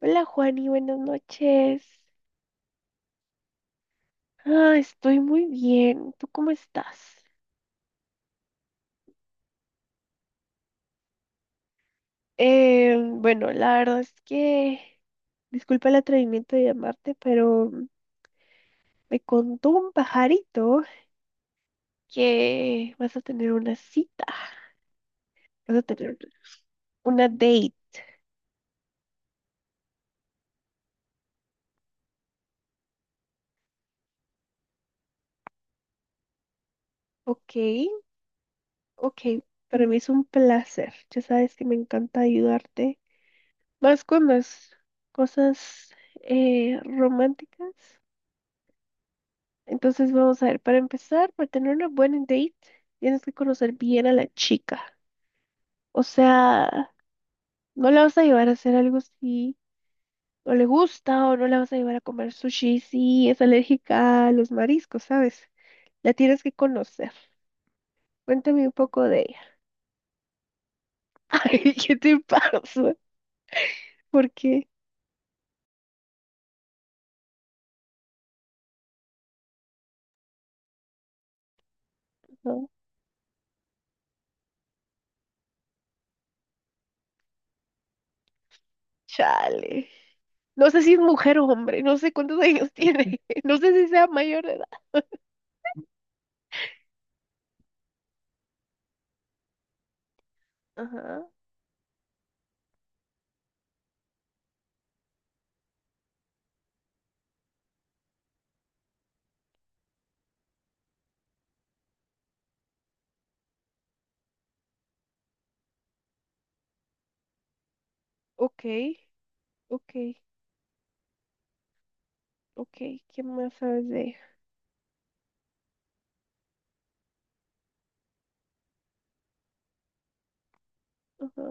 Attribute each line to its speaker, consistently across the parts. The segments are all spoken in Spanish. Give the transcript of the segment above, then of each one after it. Speaker 1: Hola Juani, buenas noches. Estoy muy bien. ¿Tú cómo estás? Bueno, la verdad es que disculpa el atrevimiento de llamarte, pero me contó un pajarito que vas a tener una cita, vas a tener una date. Ok, ok, para mí es un placer. Ya sabes que me encanta ayudarte. Más con las cosas románticas. Entonces vamos a ver, para empezar, para tener una buena date, tienes que conocer bien a la chica. O sea, no la vas a llevar a hacer algo si no le gusta o no la vas a llevar a comer sushi si es alérgica a los mariscos, ¿sabes? La tienes que conocer. Cuéntame un poco de ella. Ay, ¿qué te pasa? ¿Por qué? No, chale. No sé si es mujer o hombre, no sé cuántos años tiene, no sé si sea mayor de edad. Ajá, ok, ok, ok, ¿qué más sabes de ella? Ajá.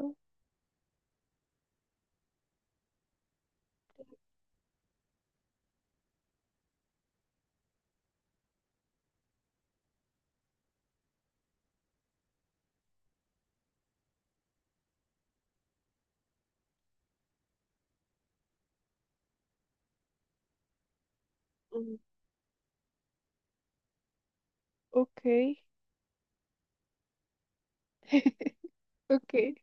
Speaker 1: Mm, ok. Ok.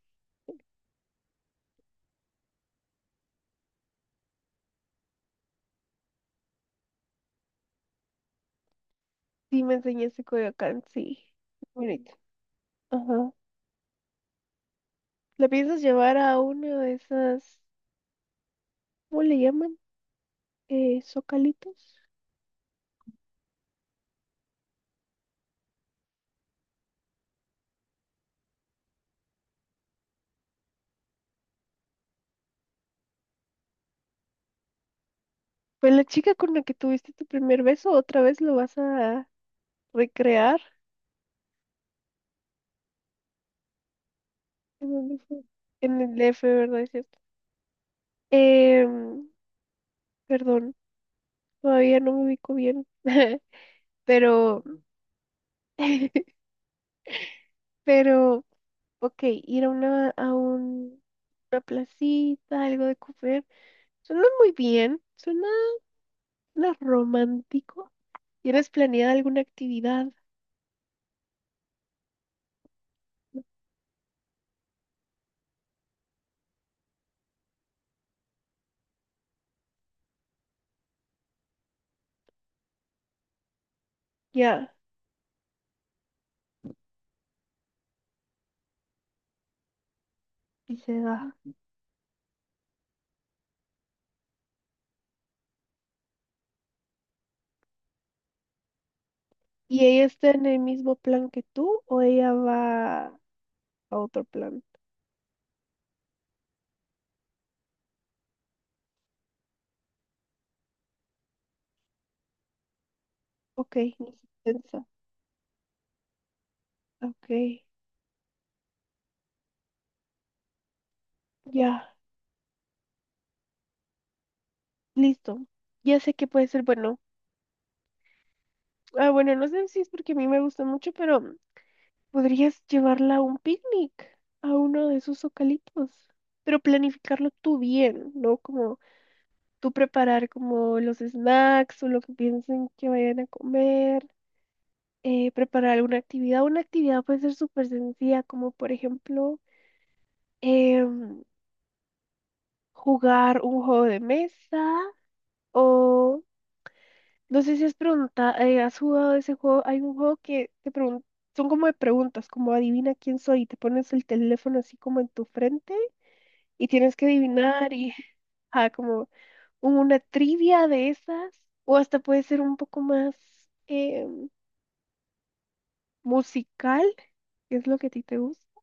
Speaker 1: Sí, me enseñaste Coyoacán, sí. Bonito. Ajá. ¿La piensas llevar a una de esas, ¿cómo le llaman? Zocalitos. Pues la chica con la que tuviste tu primer beso, otra vez lo vas a recrear. ¿En dónde fue? En el DF, ¿verdad? Es cierto. Em, Perdón, todavía no me ubico bien. Pero, pero, ok, ir a una, a un, una placita, algo de comer. Suena muy bien, suena, suena romántico. ¿Tienes planeada alguna actividad? Ya, y se da. ¿Y ella está en el mismo plan que tú o ella va a otro plan? Ok, ni se piensa. Ok, ya, listo. Ya sé que puede ser bueno. Ah, bueno, no sé si es porque a mí me gusta mucho, pero podrías llevarla a un picnic, a uno de esos socalitos. Pero planificarlo tú bien, ¿no? Como tú preparar como los snacks o lo que piensen que vayan a comer, preparar alguna actividad. Una actividad puede ser súper sencilla, como por ejemplo em, jugar un juego de mesa o no sé si has preguntado, has jugado ese juego, hay un juego que son como de preguntas, como adivina quién soy, y te pones el teléfono así como en tu frente y tienes que adivinar y, ah, como una trivia de esas, o hasta puede ser un poco más eh, musical, que es lo que a ti te gusta.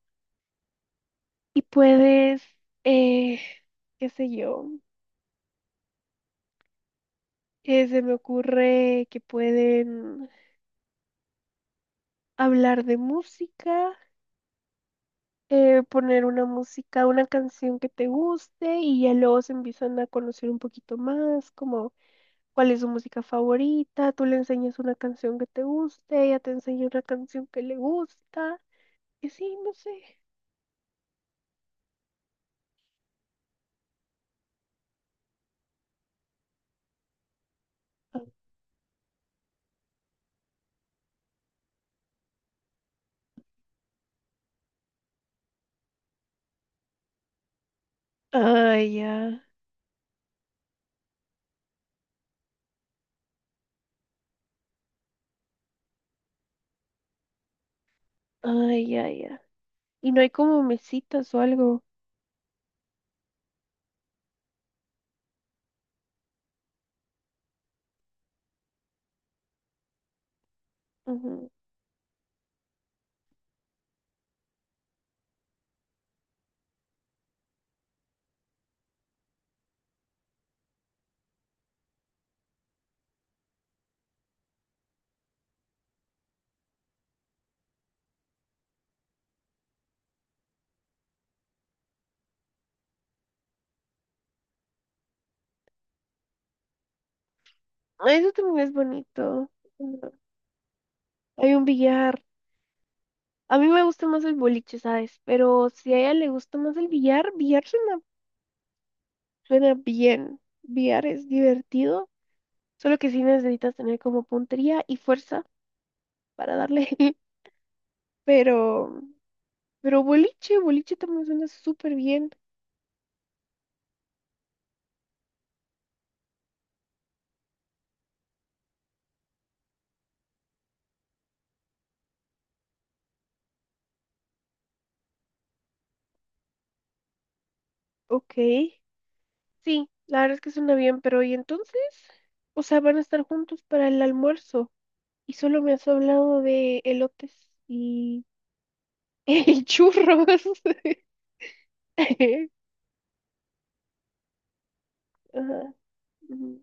Speaker 1: Y puedes, eh, qué sé yo, se me ocurre que pueden hablar de música, poner una música, una canción que te guste y ya luego se empiezan a conocer un poquito más, como cuál es su música favorita, tú le enseñas una canción que te guste, ella te enseña una canción que le gusta, y sí, no sé. Ay, ya. Ay, ya, ya. Y no hay como mesitas o algo. Ujú. Ay, eso también es bonito. Ujú. Hay un billar. A mí me gusta más el boliche, ¿sabes? Pero si a ella le gusta más el billar, billar suena, suena bien. Billar es divertido. Solo que sí necesitas tener como puntería y fuerza para darle. Pero, pero boliche, boliche también suena súper bien. Ok. Sí, la verdad es que suena bien, pero ¿y entonces? O sea, van a estar juntos para el almuerzo y solo me has hablado de elotes y, y churros. Ajá, ujú.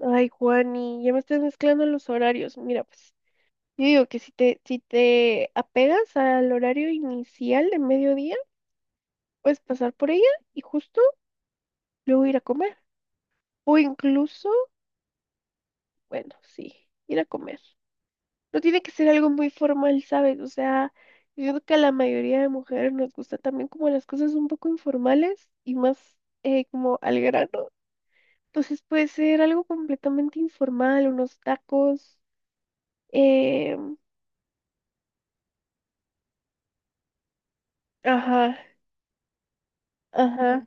Speaker 1: Ay, Juani, ya me estás mezclando los horarios. Mira, pues, yo digo que si te, si te apegas al horario inicial de mediodía, puedes pasar por ella y justo luego ir a comer. O incluso, bueno, sí, ir a comer. No tiene que ser algo muy formal, ¿sabes? O sea, yo siento que a la mayoría de mujeres nos gusta también como las cosas un poco informales y más como al grano. Entonces puede ser algo completamente informal, unos tacos. eh, ajá, ajá.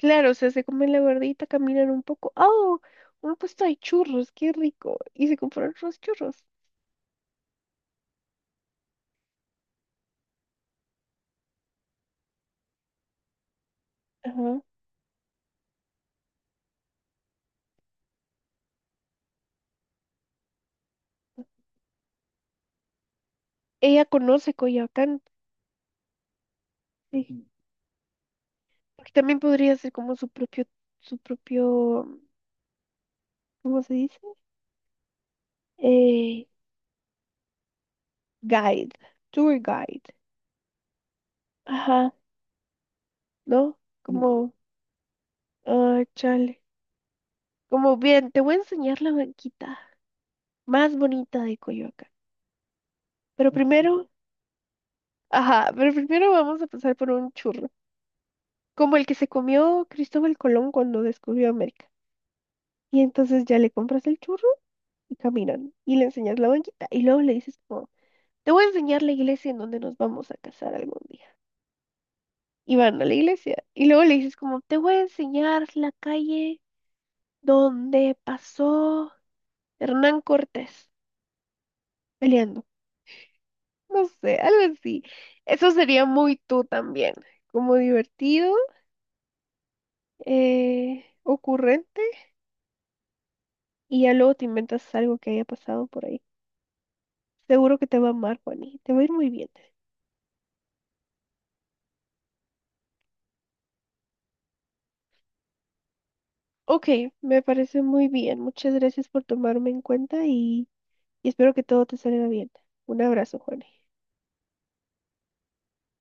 Speaker 1: Claro, o sea, se comen la gordita, caminan un poco. ¡Oh! Un puesto de churros, qué rico. Y se compraron unos churros. Ajá. Ella conoce Coyoacán. Sí. Porque también podría ser como su propio, ¿cómo se dice? Eh, guide, tour guide. Ajá, ¿no? Mm. Como, ah, chale. Como bien, te voy a enseñar la banquita más bonita de Coyoacán. Pero primero, ajá, pero primero vamos a pasar por un churro, como el que se comió Cristóbal Colón cuando descubrió América. Y entonces ya le compras el churro y caminan y le enseñas la banquita y luego le dices como, te voy a enseñar la iglesia en donde nos vamos a casar algún día. Y van a la iglesia y luego le dices como, te voy a enseñar la calle donde pasó Hernán Cortés peleando. No sé, algo así. Eso sería muy tú también, como divertido, ocurrente, y ya luego te inventas algo que haya pasado por ahí. Seguro que te va a amar, Juani, te va a ir muy bien. Ok, me parece muy bien. Muchas gracias por tomarme en cuenta y espero que todo te salga bien. Un abrazo, Juani.